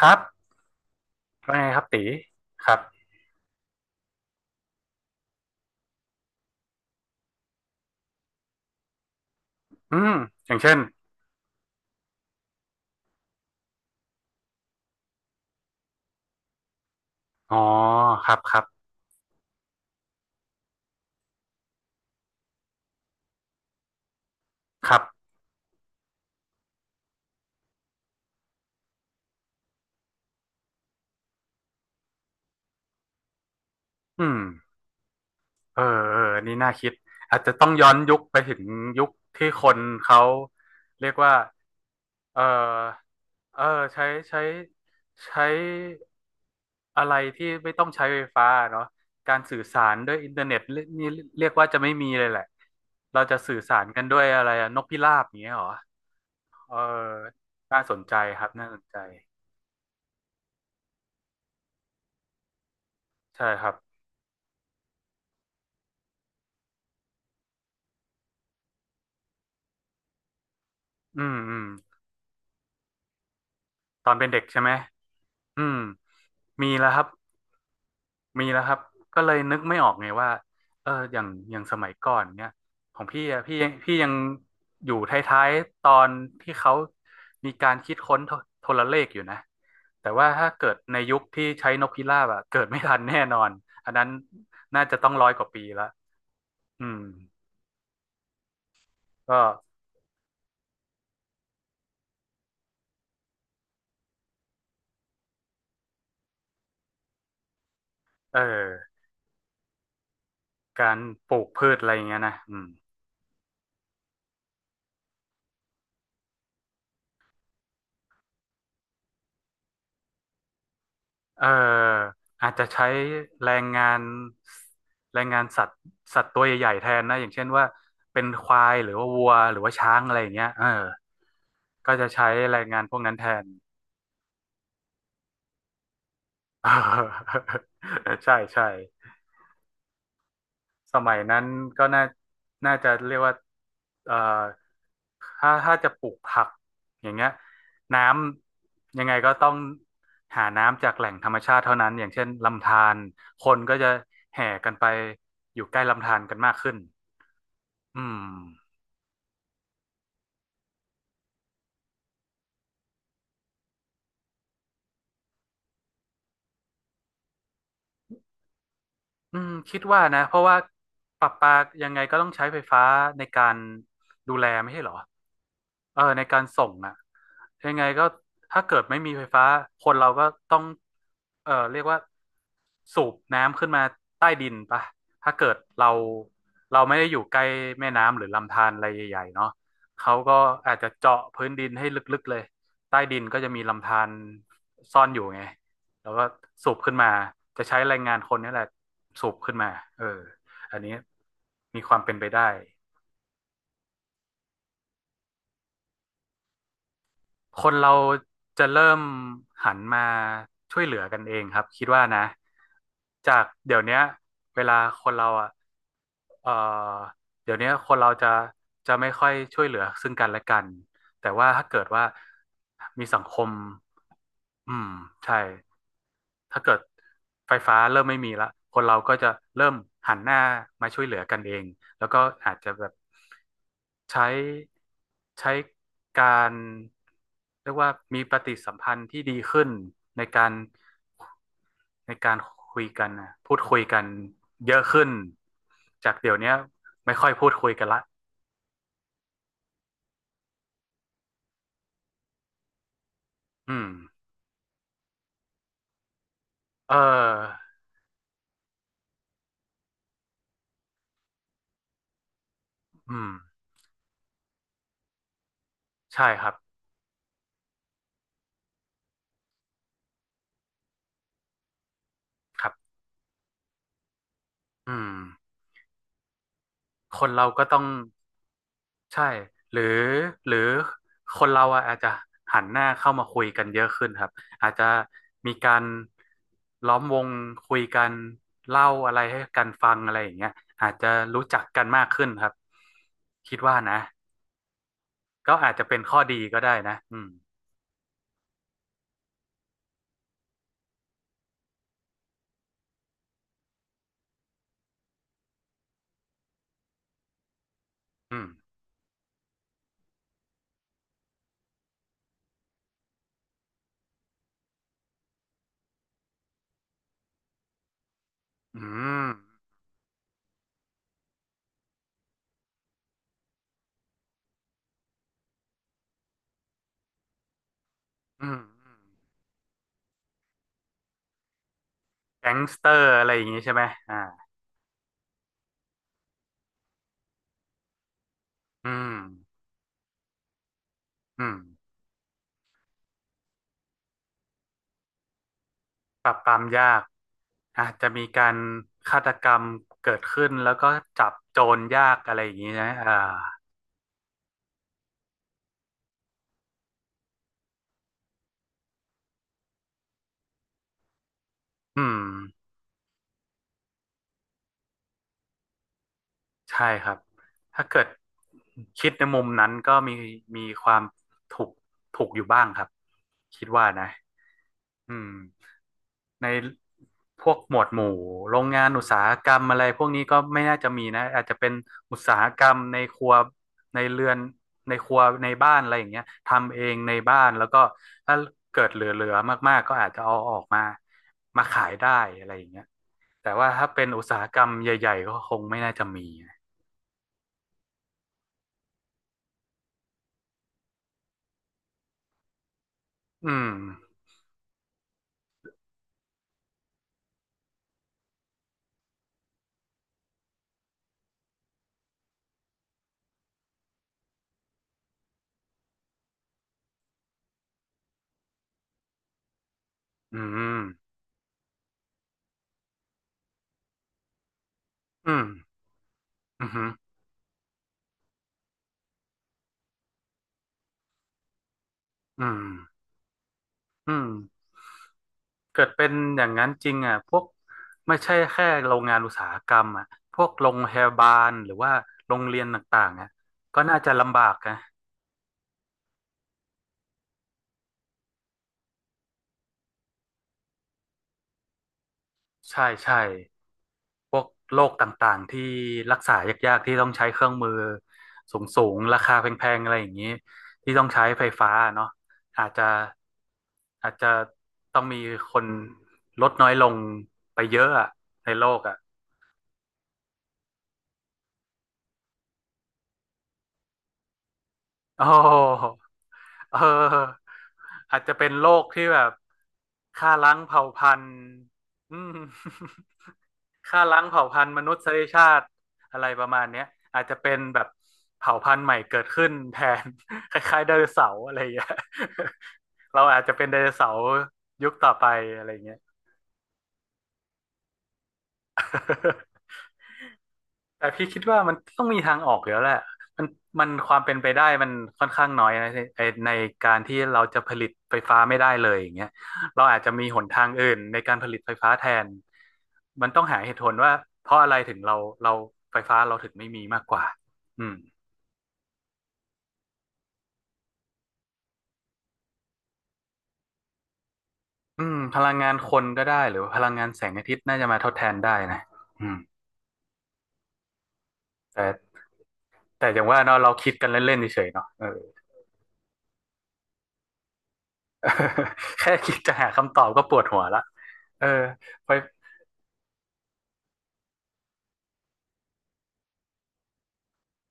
ครับว่าไงครับตีครับอืมอย่างเช่นอ๋อครับครับครับอืมเออเออนี่น่าคิดอาจจะต้องย้อนยุคไปถึงยุคที่คนเขาเรียกว่าเออเออใช้ใช้ใช้อะไรที่ไม่ต้องใช้ไฟฟ้าเนาะการสื่อสารด้วยอินเทอร์เน็ตเรียกนี่เรียกว่าจะไม่มีเลยแหละเราจะสื่อสารกันด้วยอะไรอะนกพิราบอย่างเงี้ยเหรอเออน่าสนใจครับน่าสนใจ ใช่ครับอืมอืมตอนเป็นเด็กใช่ไหมอืมมีแล้วครับมีแล้วครับก็เลยนึกไม่ออกไงว่าอย่างสมัยก่อนเนี่ยของพี่อะพี่พี่ยังอยู่ท้ายๆตอนที่เขามีการคิดค้นโทรเลขอยู่นะแต่ว่าถ้าเกิดในยุคที่ใช้นกพิราบอะเกิดไม่ทันแน่นอนอันนั้นน่าจะต้องร้อยกว่าปีละอืมก็เออการปลูกพืชอะไรอย่างเงี้ยนะอืม เอ่ออาจจะใช้แรงงานสัตว์สัตว์ตัวใหญ่ๆแทนนะอย่างเช่นว่าเป็นควายหรือว่าวัวหรือว่าช้างอะไรอย่างเงี้ยเออก็จะใช้แรงงานพวกนั้นแทน ใช่ใช่ สมัยนั้นก็น่าน่าจะเรียกว่าเอ่อถ้าจะปลูกผักอย่างเงี้ยน้ำยังไงก็ต้องหาน้ำจากแหล่งธรรมชาติเท่านั้นอย่างเช่นลำธารคนก็จะแห่กันไปอยู่ใกล้ลำธารกันมากขึ้นอืมอืมคิดว่านะเพราะว่าประปายังไงก็ต้องใช้ไฟฟ้าในการดูแลไม่ใช่เหรอเออในการส่งอ่ะ ยังไงก็ถ้าเกิดไม่มีไฟฟ้าคนเราก็ต้องเรียกว่าสูบน้ำขึ้นมาใต้ดินปะถ้าเกิดเราไม่ได้อยู่ใกล้แม่น้ำหรือลำธารอะไรใหญ่ๆเนาะเขาก็อาจจะเจาะพื้นดินให้ลึกๆเลยใต้ดินก็จะมีลำธารซ่อนอยู่ไงแล้วก็สูบขึ้นมาจะใช้แรงงานคนนี่แหละสูบขึ้นมาเอออันนี้มีความเป็นไปได้ คนเราจะเริ่มหันมาช่วยเหลือกันเองครับคิดว่านะจากเดี๋ยวเนี้ยเวลาคนเราอ่ะเอ่อเดี๋ยวเนี้ยคนเราจะไม่ค่อยช่วยเหลือซึ่งกันและกันแต่ว่าถ้าเกิดว่ามีสังคมอืมใช่ ถ้าเกิดไฟฟ้าเริ่มไม่มีละคนเราก็จะเริ่มหันหน้ามาช่วยเหลือกันเองแล้วก็อาจจะแบบใช้ใช้การเรียกว่ามีปฏิสัมพันธ์ที่ดีขึ้นในการในการคุยกันนะพูดคุยกันเยอะขึ้นจากเดี๋ยวเนี้ยไม่ค่อยพูดคุยกันละอืมเอออืมใช่ครับครับอืม คนเราก็ต้องใช่หรือหรือคนเราอะอาจจะหันหน้าเข้ามาคุยกันเยอะขึ้นครับอาจจะมีการล้อมวงคุยกันเล่าอะไรให้กันฟังอะไรอย่างเงี้ยอาจจะรู้จักกันมากขึ้นครับคิดว่านะก็อาจจะเป็นข้อดีก็ได้นะอืมอืมอืมอืมแก๊งสเตอร์อะไรอย่างงี้ใช่ไหมอ่าอืมอืม ปราบปรามยากอาจจะมีการฆาตกรรมเกิดขึ้นแล้วก็จับโจรยากอะไรอย่างนี้นะอ่าอืมใช่ครับถ้าเกิดคิดในมุมนั้นก็มีมีความถูกถูกอยู่บ้างครับคิดว่านะอืม ในพวกหมวดหมู่โรงงานอุตสาหกรรมอะไรพวกนี้ก็ไม่น่าจะมีนะอาจจะเป็นอุตสาหกรรมในครัวในเรือนในครัวในบ้านอะไรอย่างเงี้ยทำเองในบ้านแล้วก็ถ้าเกิดเหลือๆมากๆก็อาจจะเอาออกมามาขายได้อะไรอย่างเงี้ยแต่ว่าถ้าเป็นอุตสาหกรรมใหญ่ๆก็คงไม่น่าจะมีนะอืมอืมอืมอืมอืมอืม เกิดเป็นอย่างนั้นจริงอ่ะพวกไม่ใช่แค่โรงงานอุตสาหกรรมอ่ะพวกโรงพยาบาลหรือว่าโรงเรียนต่างๆอ่ะก็น่าจะลำบากนะใช่ใช่พวกโรคต่างๆที่รักษายากๆที่ต้องใช้เครื่องมือสูงๆราคาแพงๆอะไรอย่างนี้ที่ต้องใช้ไฟฟ้าเนาะอาจจะอาจจะต้องมีคนลดน้อยลงไปเยอะอะในโลกอ่ะ โอ้เอออาจจะเป็นโรคที่แบบฆ่าล้างเผ่าพันธุ์อืม ฆ่าล้างเผ่าพันธุ์มนุษยชาติอะไรประมาณเนี้ยอาจจะเป็นแบบเผ่าพันธุ์ใหม่เกิดขึ้นแทน คล้ายๆไดโนเสาร์อะไรอย่างเงี้ย เราอาจจะเป็นไดโนเสาร์ยุคต่อไปอะไรอย่างเงี้ย แต่พี่คิดว่ามันต้องมีทางออกอยู่แล้วแหละมันมันความเป็นไปได้มันค่อนข้างน้อยนะไอ้ในการที่เราจะผลิตไฟฟ้าไม่ได้เลยอย่างเงี้ยเราอาจจะมีหนทางอื่นในการผลิตไฟฟ้าแทนมันต้องหาเหตุผลว่าเพราะอะไรถึงเราไฟฟ้าเราถึงไม่มีมากกว่าอืมอืมพลังงานคนก็ได้หรือว่าพลังงานแสงอาทิตย์น่าจะมาทดแทนได้นะอืมแต่อย่างว่าเนาะเราคิดกันเล่นๆเฉยๆเนาะเออ แค่คิดจะหาคำตอบก็ปวดหัวละเออไฟ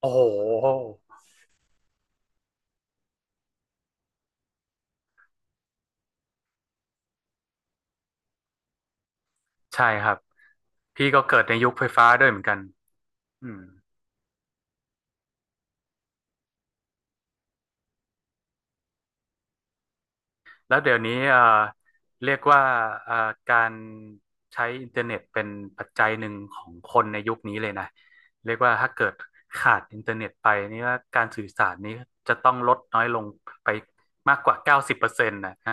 โอ้โหใช่ครับพี่ก็เกิดในยุคไฟฟ้าด้วยเหมือนกันอืมแล้วเดี๋ยวนี้เรียกว่าเอ่อการใช้อินเทอร์เน็ตเป็นปัจจัยหนึ่งของคนในยุคนี้เลยนะเรียกว่าถ้าเกิดขาดอินเทอร์เน็ตไปนี่ว่าการสื่อสารนี้จะต้องลดน้อยลงไปมากกว่า90%นะอ่า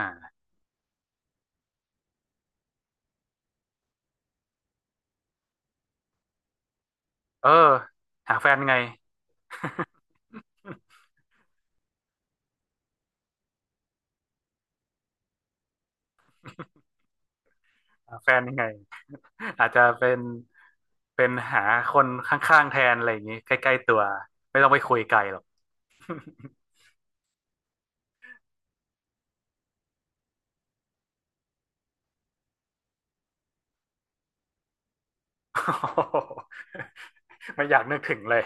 เออหาแฟนยังไงหาแฟนยังไงอาจจะเป็นหาคนข้างๆแทนอะไรอย่างนี้ใกล้ๆตัวไม่ต้องไปคุยไกลหรอก ไม่อยากนึกถึงเลย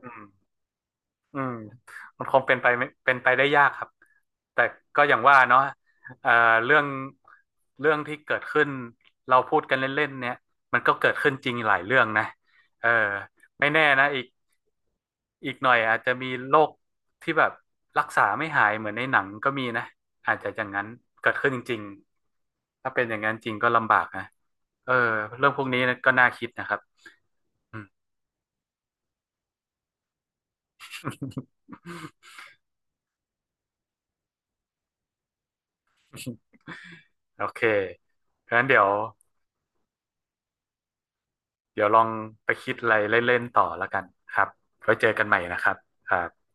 อืมอืมมันคงเป็นไปไม่เป็นไปได้ยากครับ แต่ก็อย่างว่าเนาะเอ่อเรื่องที่เกิดขึ้นเราพูดกันเล่นๆเนี่ยมันก็เกิดขึ้นจริงหลายเรื่องนะเออไม่แน่นะอีกอีกหน่อยอาจจะมีโรคที่แบบรักษาไม่หายเหมือนในหนังก็มีนะอาจจะอย่างนั้นเกิดขึ้นจริงๆ ถ้าเป็นอย่างนั้นจริงก็ลำบากนะเออเรื่องพวกนี้ก็น่าคิดนะครับอืม โอเคงั้นเดี๋ยวลองไปคิดอะไรเล่นๆต่อแล้วกันครับไว้เจอกันใหม่นะครับครับ